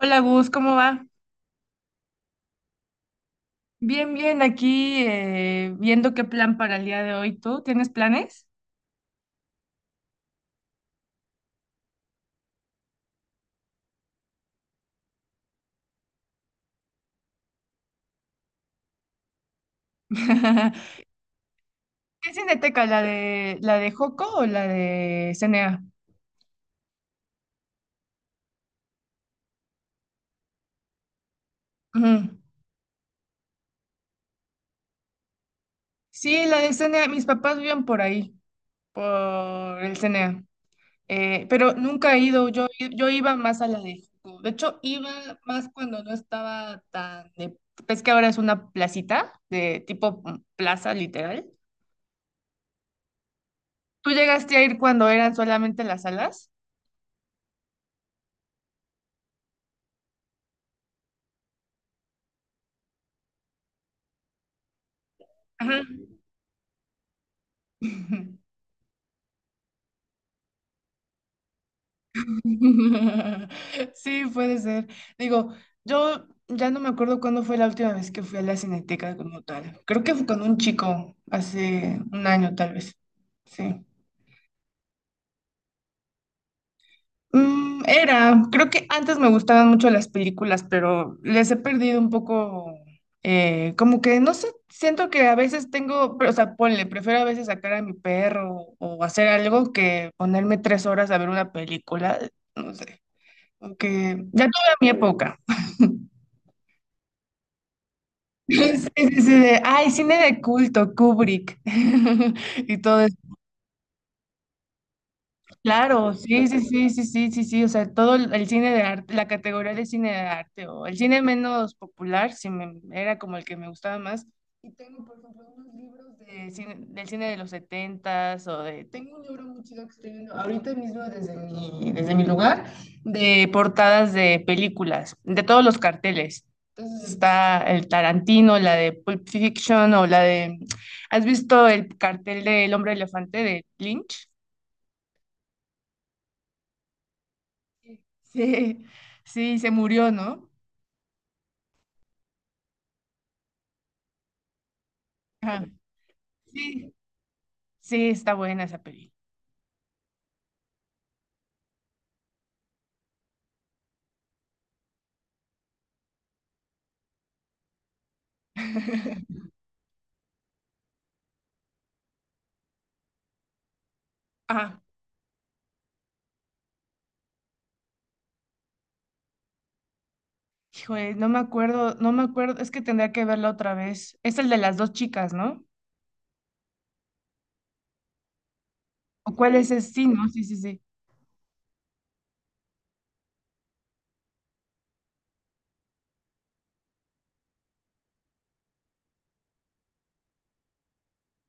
Hola Gus, ¿cómo va? Bien, bien, aquí viendo qué plan para el día de hoy. ¿Tú tienes planes? ¿Qué cineteca? ¿La de Joco o la de CNA? Ujú. Sí, la de CNA. Mis papás viven por ahí, por el CNA. Pero nunca he ido. Yo iba más a la de Joco. De hecho, iba más cuando no estaba tan de... Es que ahora es una placita, de tipo plaza, literal. ¿Tú llegaste a ir cuando eran solamente las salas? Ajá. Sí, puede ser. Digo, yo ya no me acuerdo cuándo fue la última vez que fui a la Cineteca como tal. Creo que fue con un chico hace un año tal vez. Sí. Era, creo que antes me gustaban mucho las películas, pero les he perdido un poco, como que no sé, siento que a veces tengo, pero, o sea, ponle, prefiero a veces sacar a mi perro o hacer algo que ponerme 3 horas a ver una película, no sé. Aunque ya tuve mi época. Sí, sí, sí, de, ay, cine de culto, Kubrick y todo. Claro, sí, sí, sí, sí, sí, sí, sí, o sea, todo el cine de arte, la categoría de cine de arte o el cine menos popular, sí era como el que me gustaba más. Y tengo, por ejemplo, unos libros de del cine de los setentas o de... Tengo un libro muy chido que estoy viendo ahorita mismo desde mi lugar, de portadas de películas, de todos los carteles. Entonces está el Tarantino, la de Pulp Fiction o la de... ¿Has visto el cartel del Hombre Elefante de Lynch? Sí, sí, se murió, ¿no? Ajá. Sí. Sí, sí, está buena esa película. Ah, híjole, no me acuerdo, no me acuerdo, es que tendría que verla otra vez. Es el de las dos chicas, ¿no? ¿O cuál es ese? Sí, ¿no? Sí, sí, sí.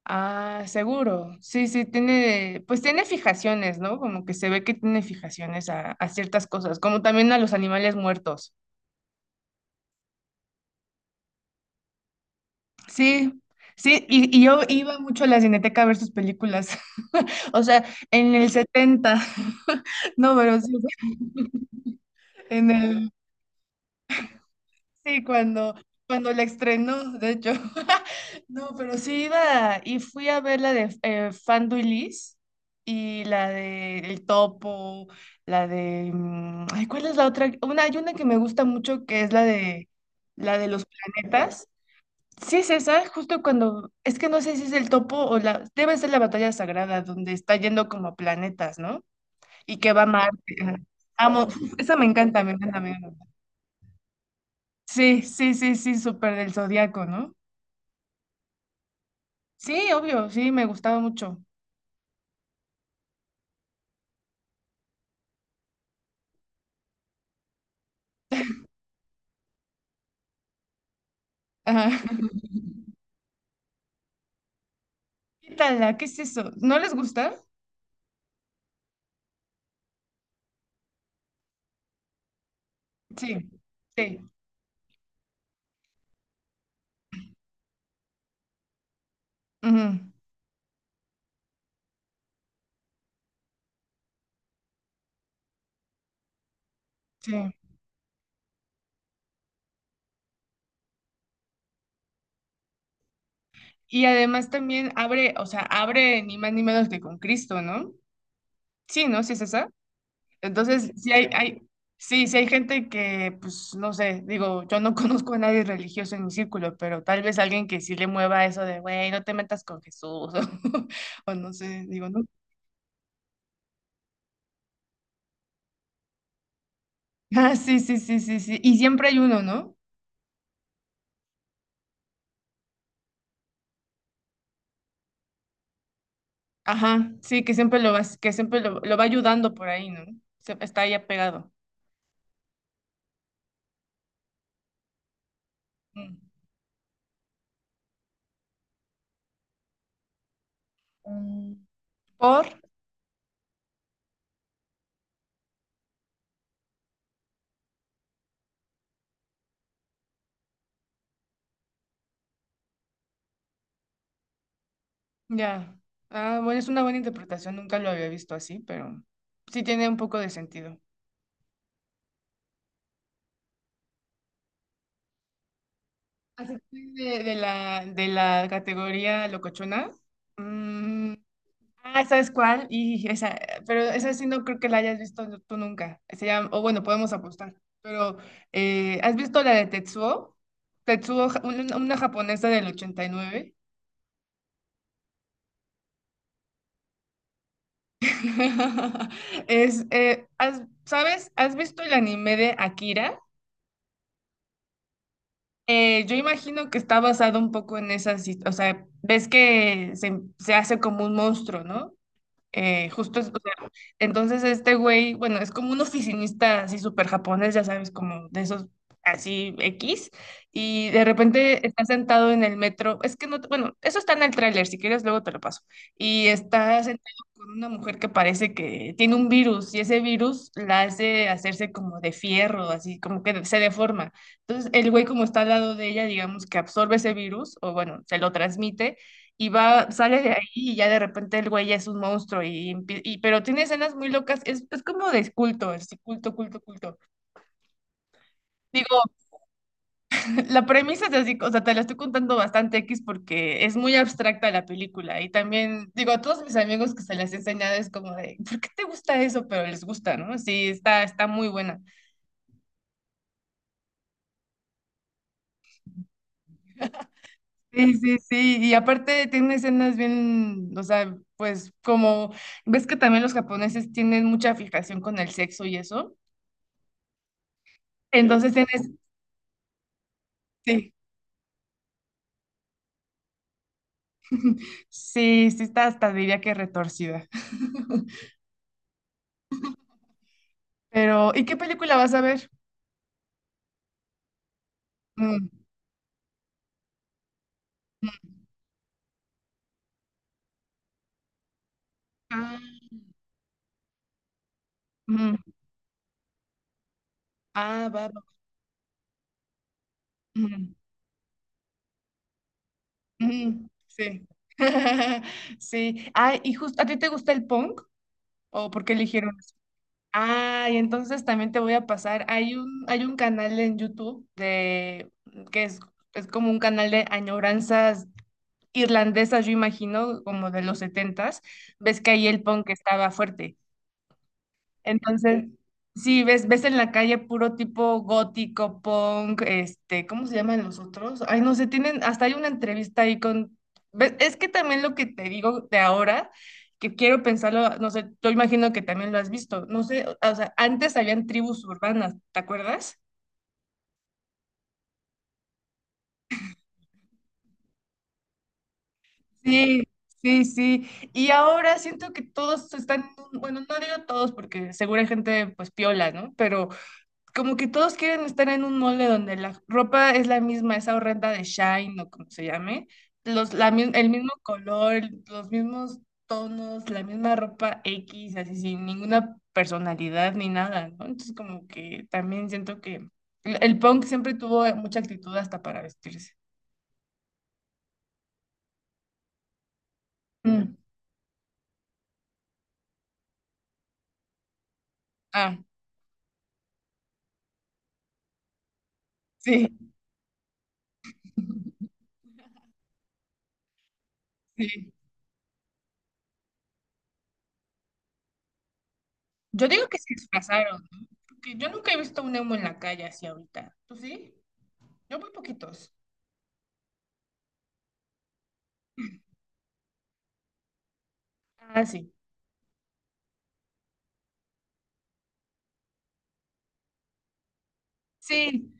Ah, seguro. Sí, sí, tiene, pues tiene fijaciones, ¿no? Como que se ve que tiene fijaciones a ciertas cosas, como también a los animales muertos. Sí, sí, y yo iba mucho a la Cineteca a ver sus películas. O sea, en el 70, no, pero sí, en el, sí, cuando la estrenó, de hecho. No, pero sí iba y fui a ver la de Fanduilis y Liz y la de El Topo, la de, ay, ¿cuál es la otra? Una, hay una que me gusta mucho que es la de los planetas. Sí es esa, justo cuando, es que no sé si es el topo o la, debe ser la batalla sagrada donde está yendo como a planetas, ¿no? Y que va a Marte. Ajá. Amo, uf, esa me encanta, me encanta, me encanta. Sí, sí, sí, sí, súper del zodiaco, ¿no? Sí, obvio, sí, me gustaba mucho. Ajá. Quítala, ¿qué es eso? ¿No les gusta? Sí, sí, ujú, sí. Y además también abre, o sea, abre ni más ni menos que con Cristo, ¿no? Sí, ¿no? Sí es esa. Entonces, sí sí, sí hay gente que, pues, no sé, digo, yo no conozco a nadie religioso en mi círculo, pero tal vez alguien que sí le mueva eso de, güey, no te metas con Jesús, o, no sé, digo, no. Ah, sí, sí, sí, sí, sí. Y siempre hay uno, ¿no? Ajá, sí, que siempre lo vas, que siempre lo va ayudando por ahí, ¿no? Está ahí apegado. Mm. Mm, por, ya. Ah, bueno, es una buena interpretación, nunca lo había visto así, pero sí tiene un poco de sentido. Así que de, de la categoría locochona. mm, ah, ¿sabes cuál? Y esa, pero esa sí no creo que la hayas visto tú nunca. Se llama, o bueno, podemos apostar. Pero, ¿has visto la de Tetsuo? Tetsuo, una japonesa del 89. ¿Sabes? ¿Has visto el anime de Akira? Yo imagino que está basado un poco en esa, o sea, ves que se hace como un monstruo, ¿no? Justo, o sea, entonces este güey, bueno, es como un oficinista así súper japonés, ya sabes, como de esos así X, y de repente está sentado en el metro, es que no, bueno, eso está en el tráiler, si quieres luego te lo paso, y está sentado con una mujer que parece que tiene un virus, y ese virus la hace hacerse como de fierro, así como que se deforma. Entonces el güey como está al lado de ella, digamos que absorbe ese virus, o bueno, se lo transmite y va, sale de ahí y ya de repente el güey ya es un monstruo y, pero tiene escenas muy locas, es como de culto, así, culto, culto, culto. Digo, la premisa es así, o sea, te la estoy contando bastante X porque es muy abstracta la película y también, digo, a todos mis amigos que se las he enseñado es como de, ¿por qué te gusta eso? Pero les gusta, ¿no? Sí, está muy buena. Sí, sí, sí, y aparte tiene escenas bien, o sea, pues como, ves que también los japoneses tienen mucha fijación con el sexo y eso. Entonces, en Sí, sí, sí está hasta diría que retorcida. Pero, ¿y qué película vas a ver? Mm, mm, ah, mm, ah, va, va, mm, mm, sí. Sí. Ah, y justo, ¿a ti te gusta el punk? ¿O por qué eligieron eso? Ah, y entonces también te voy a pasar. Hay un canal en YouTube de que es, como un canal de añoranzas irlandesas, yo imagino, como de los setentas. Ves que ahí el punk estaba fuerte. Entonces, sí, ves en la calle puro tipo gótico, punk, este, ¿cómo se llaman los otros? Ay, no sé, tienen, hasta hay una entrevista ahí con, es que también lo que te digo de ahora, que quiero pensarlo, no sé, yo imagino que también lo has visto, no sé, o sea, antes habían tribus urbanas, ¿te acuerdas? Sí, sí, sí. Y ahora siento que todos están, bueno, no digo todos porque seguro hay gente pues piola, ¿no? Pero como que todos quieren estar en un molde donde la ropa es la misma, esa horrenda de Shine o como se llame, el mismo color, los mismos tonos, la misma ropa X, así sin ninguna personalidad ni nada, ¿no? Entonces como que también siento que el punk siempre tuvo mucha actitud hasta para vestirse. Mm. Ah, sí, sí. Yo digo que se disfrazaron, ¿no? Porque yo nunca he visto un emo en la calle así ahorita. ¿Tú sí? Yo muy poquitos. Ah, sí. Sí,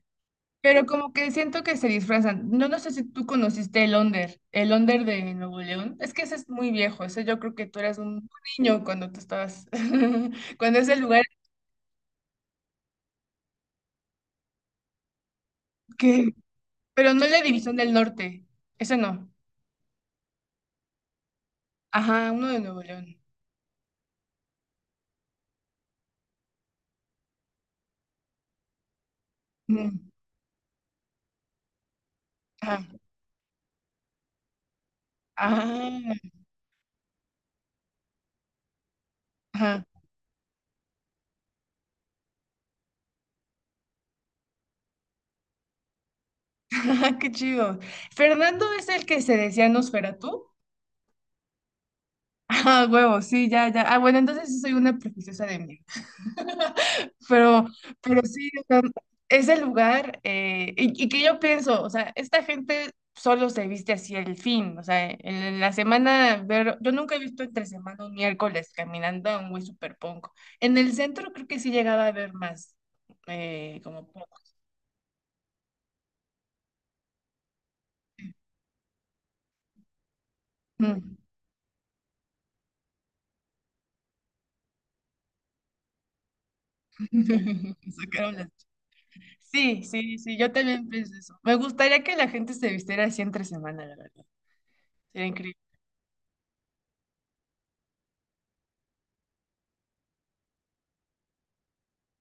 pero como que siento que se disfrazan. No, no sé si tú conociste el Onder de Nuevo León. Es que ese es muy viejo. Ese yo creo que tú eras un niño cuando tú estabas, cuando es el lugar que... Pero no la División del Norte. Ese no. Ajá, uno de Nuevo León. Mm, ajá, ajá, ajá, ajá, qué chido. Fernando es el que se decía Nosferatu. Ah, huevo, sí, ya, ya. Ah, bueno, entonces sí soy una prejuiciosa de mí. Pero, pero sí, o sea, ese lugar, y, que yo pienso, o sea, esta gente solo se viste así el fin, o sea, en, la semana, ver, yo nunca he visto entre semana un miércoles caminando a un güey super punk. En el centro creo que sí llegaba a ver más, como punk. Mm. Sacaron las- Sí, sí, sí, yo también pienso eso. Me gustaría que la gente se vistiera así entre semana, la verdad. Sería increíble.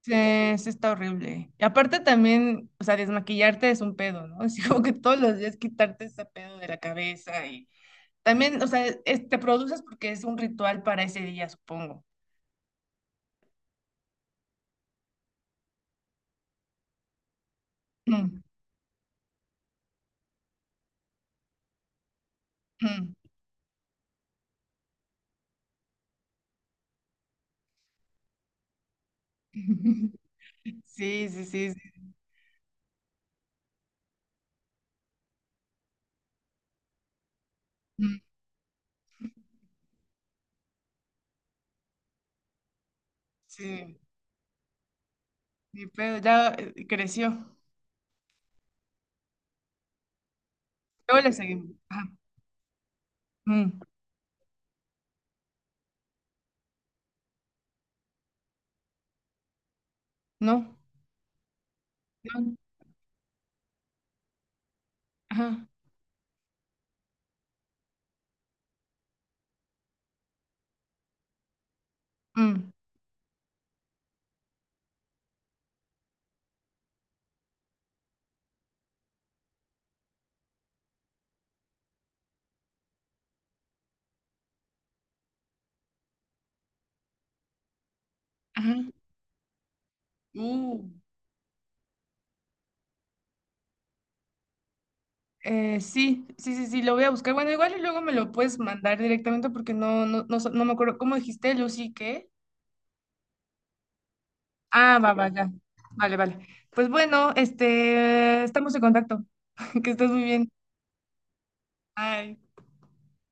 Sí, sí está horrible. Y aparte también, o sea, desmaquillarte es un pedo, ¿no? Es como que todos los días quitarte ese pedo de la cabeza y también, o sea, te produces porque es un ritual para ese día, supongo. Mm, mm. Sí, sí, sí, sí, mm, sí, mi pedo ya creció. Luego le seguimos. Ajá. Mm, no, no, ajá, mm, ajá, uh. Sí, sí, sí, sí, lo voy a buscar. Bueno, igual y luego me lo puedes mandar directamente porque no me acuerdo. ¿Cómo dijiste, Lucy, qué? Ah, va, va, ya. Vale, vale. Pues bueno, este, estamos en contacto. Que estés muy bien. Bye.